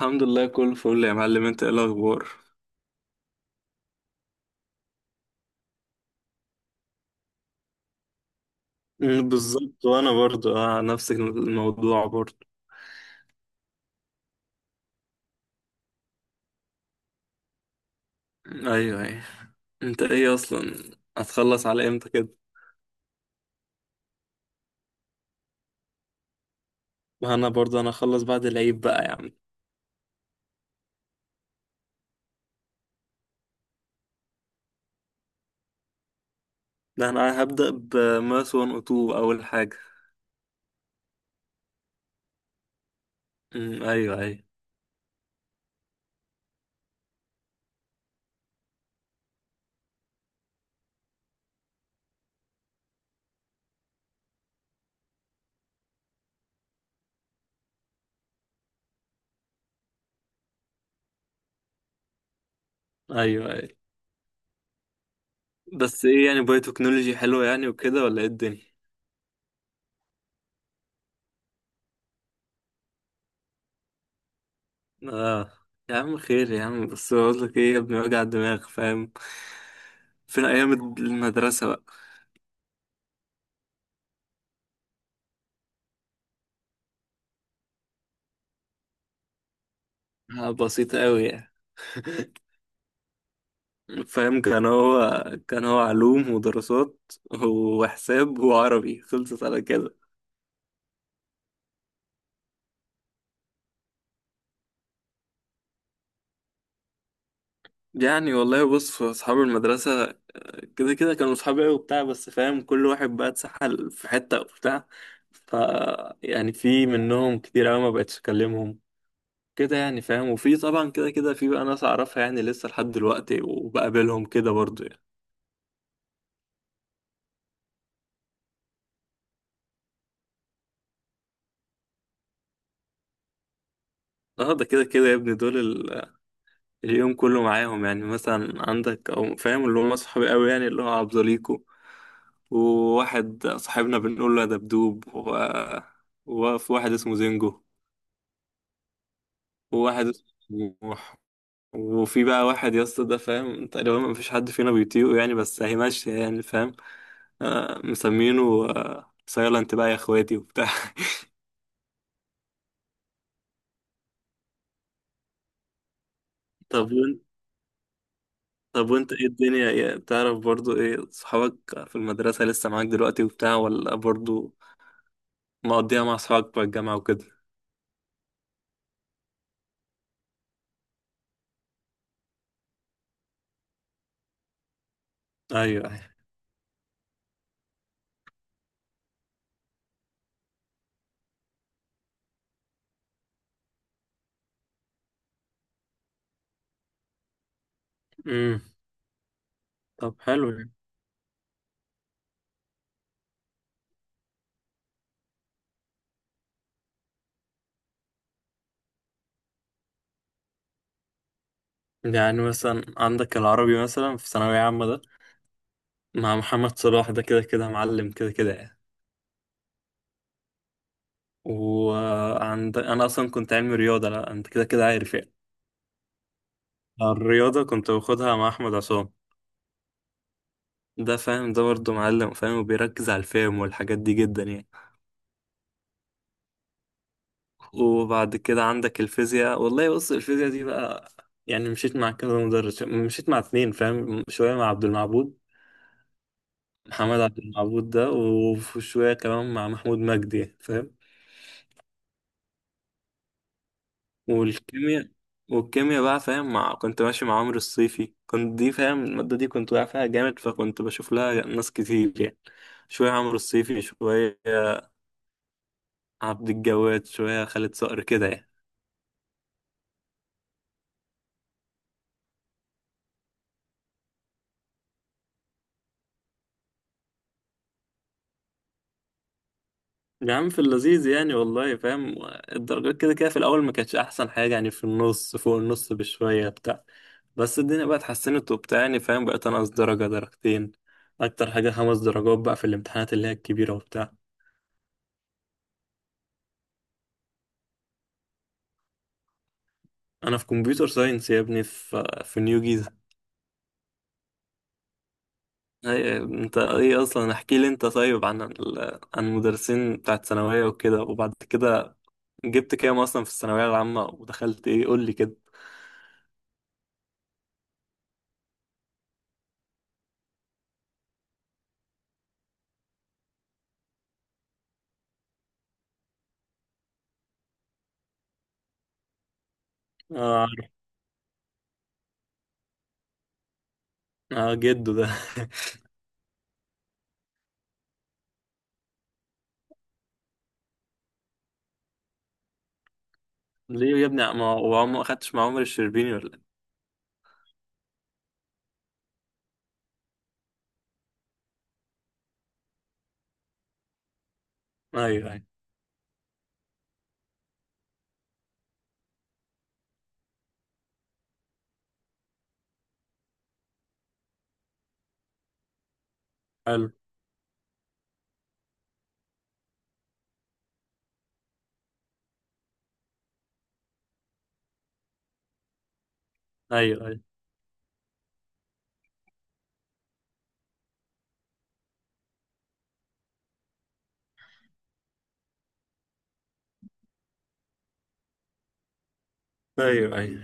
الحمد لله، كله فل يا معلم. انت ايه الاخبار؟ بالظبط وانا برضو نفس الموضوع برضو. ايوه ايوه. انت ايه اصلا، هتخلص على امتى كده؟ ما انا برضو هخلص بعد العيد بقى يا عم. ده انا هبدأ بماس 102 اول حاجة. مم، ايوه ايوه ايوه ايوه. بس ايه يعني، باي تكنولوجي حلوه يعني وكده ولا ايه الدنيا؟ اه. يا عم خير يا عم، بس بقول لك ايه يا ابني، وجع الدماغ فاهم. فين ايام المدرسة بقى. آه، بسيطة قوي يعني. فاهم، كان هو علوم ودراسات وحساب وعربي، خلصت على كده. يعني والله بص، في أصحاب المدرسة كده كده كانوا أصحابي أوي وبتاع، بس فاهم كل واحد بقى اتسحل في حتة وبتاع. ف يعني في منهم كتير أوي ما بقتش أكلمهم كده يعني فاهم. وفي طبعا كده كده، في بقى ناس أعرفها يعني لسه لحد دلوقتي وبقابلهم كده برضه يعني. اه، ده كده كده يا ابني دول اليوم كله معاهم. يعني مثلا عندك، او فاهم، اللي هم صحابي قوي يعني، اللي هو عبد زليكو وواحد صاحبنا بنقول له يا دبدوب، وفي واحد اسمه زينجو، وواحد اسمه طموح. وفي بقى واحد يا اسطى، ده فاهم تقريبا ما فيش حد فينا بيطيقه يعني، بس هي ماشية يعني فاهم. آه مسمينه آه سايلنت بقى يا اخواتي وبتاع. طب وانت طب وانت ايه الدنيا إيه؟ بتعرف برضو ايه صحابك في المدرسة لسه معاك دلوقتي وبتاع، ولا برضو مقضيها مع أصحابك بقى الجامعة وكده؟ أيوه أيوه. أمم طب حلو يعني. يعني مثلا عندك العربي مثلا في ثانوية عامة ده، مع محمد صلاح، ده كده كده معلم كده كده يعني. وعند، أنا أصلا كنت علمي رياضة، لا أنت كده كده عارف يعني. الرياضة كنت باخدها مع أحمد عصام. ده فاهم، ده برضه معلم فاهم، وبيركز على الفهم والحاجات دي جدا يعني. وبعد كده عندك الفيزياء، والله بص الفيزياء دي بقى يعني، مشيت مع كذا مدرس، مشيت مع اتنين فاهم، شوية مع عبد المعبود، محمد عبد المعبود ده، وفي شوية كمان مع محمود مجدي فاهم. والكيمياء والكيمياء بقى فاهم، كنت ماشي مع عمرو الصيفي كنت، دي فاهم، المادة دي كنت واقع فيها جامد، فكنت بشوف لها ناس كتير يعني. شوية عمرو الصيفي، شوية عبد الجواد، شوية خالد صقر كده يعني. يا عم في اللذيذ يعني والله فاهم. الدرجات كده كده في الأول ما كانتش أحسن حاجة يعني، في النص فوق النص بشوية بتاع. بس الدنيا بقى اتحسنت وبتاع يعني فاهم، بقيت أنقص درجة درجتين، أكتر حاجة 5 درجات بقى في الامتحانات اللي هي الكبيرة وبتاع. أنا في كمبيوتر ساينس يا ابني، في نيو جيزة. هي أنت إيه أصلا، احكي لي أنت طيب عن عن المدرسين بتاعت ثانوية وكده، وبعد كده جبت كام أصلا في الثانوية العامة ودخلت إيه، قول لي كده. آه، آه جده ده. ليه يا ابني ما هو ما اخدتش مع عمر الشربيني ولا إيه؟ ايوه ايوه حلو. ايوه ايوه. ايوه ايوه.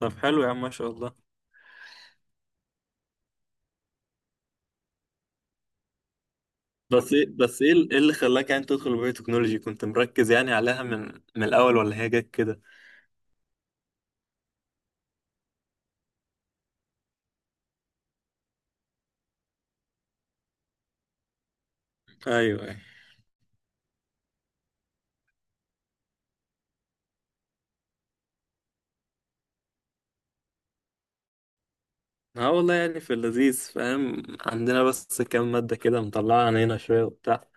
طب حلو يا عم ما شاء الله. بس ايه إيه اللي خلاك يعني تدخل بايو تكنولوجي؟ كنت مركز يعني عليها من الاول ولا هي جت كده؟ ايوه ايوه. اه والله يعني في اللذيذ فاهم عندنا، بس كام مادة كده مطلعة علينا شوية وبتاع،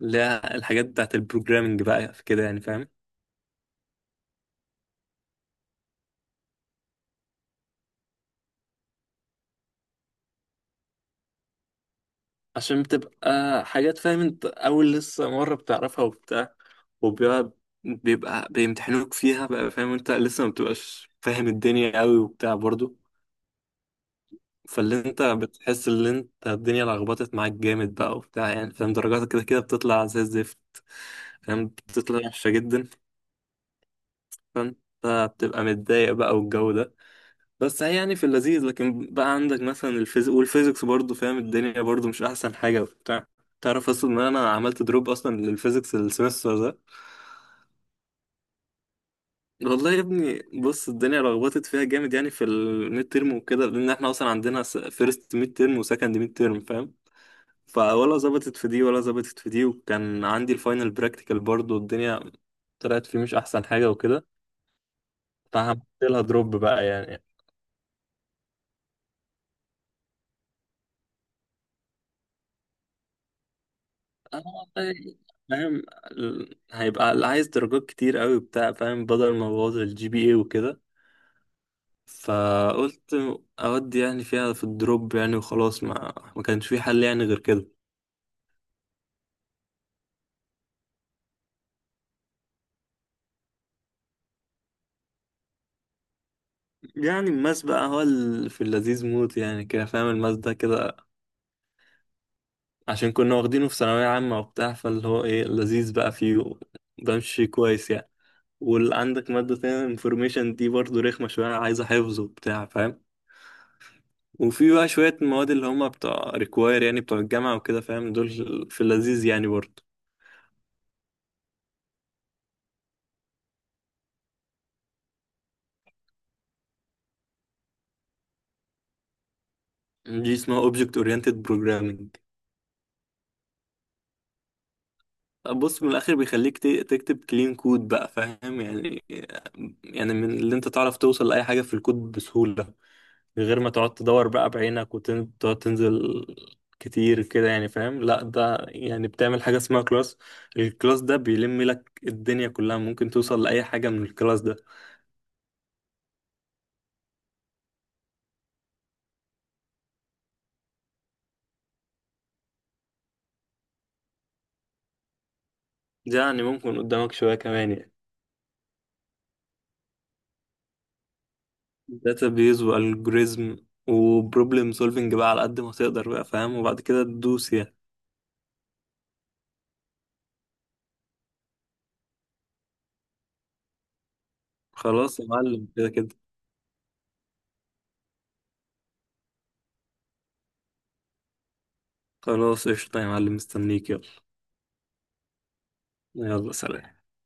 اللي هي الحاجات بتاعت البروجرامنج بقى في كده يعني فاهم. عشان بتبقى حاجات فاهم، انت اول لسه مرة بتعرفها وبتاع، وبيبقى بيبقى بيمتحنوك فيها بقى فاهم، انت لسه ما بتبقاش فاهم الدنيا قوي وبتاع برضو. فاللي انت بتحس ان انت الدنيا لخبطت معاك جامد بقى وبتاع يعني فاهم، درجاتك كده كده بتطلع زي الزفت، فاهم بتطلع وحشة جدا. فانت بتبقى متضايق بقى والجو ده. بس هي يعني في اللذيذ، لكن بقى عندك مثلا الفيزيك والفيزيكس برضو فاهم، الدنيا برضو مش احسن حاجة وبتاع. تعرف اصلا ان انا عملت دروب اصلا للفيزيكس السمستر ده؟ والله يا ابني بص، الدنيا لخبطت فيها جامد يعني في الميد ترم وكده، لان احنا اصلا عندنا فيرست ميد ترم وسكند ميد ترم فاهم، فولا ظبطت في دي ولا ظبطت في دي، وكان عندي الفاينل براكتيكال برضه الدنيا طلعت فيه مش احسن حاجه وكده. فعملت لها دروب بقى يعني. أنا والله فاهم هيبقى اللي عايز درجات كتير قوي بتاع فاهم، بدل ما بوظ الجي بي اي وكده، فقلت اودي يعني فيها في الدروب يعني وخلاص، ما كانش في حل يعني غير كده. يعني الماس بقى في اللذيذ موت يعني كده فاهم، الماس ده كده عشان كنا واخدينه في ثانوية عامة وبتاع، فاللي هو ايه لذيذ بقى فيه، بمشي كويس يعني. وعندك مادة تانية انفورميشن دي برضه رخمة شوية، عايزة حفظ وبتاع فاهم. وفي بقى شوية مواد اللي هما بتوع ريكواير يعني بتوع الجامعة وكده فاهم دول، في اللذيذ يعني برضه. دي اسمها اوبجكت اورينتد بروجرامنج. بص من الاخر بيخليك تكتب كلين كود بقى فاهم يعني، يعني من اللي انت تعرف توصل لاي حاجه في الكود بسهوله، من غير ما تقعد تدور بقى بعينك وتقعد تنزل كتير كده يعني فاهم. لا، ده يعني بتعمل حاجة اسمها كلاس، الكلاس ده بيلم لك الدنيا كلها، ممكن توصل لأي حاجة من الكلاس ده. ده يعني ممكن قدامك شوية كمان يعني. داتابيز والجوريزم وبروبلم سولفنج بقى، على قد ما تقدر بقى فاهم، وبعد كده تدوس يعني. خلاص يا معلم كده كده. خلاص قشطة يا معلم، مستنيك يلا. يلا سلام.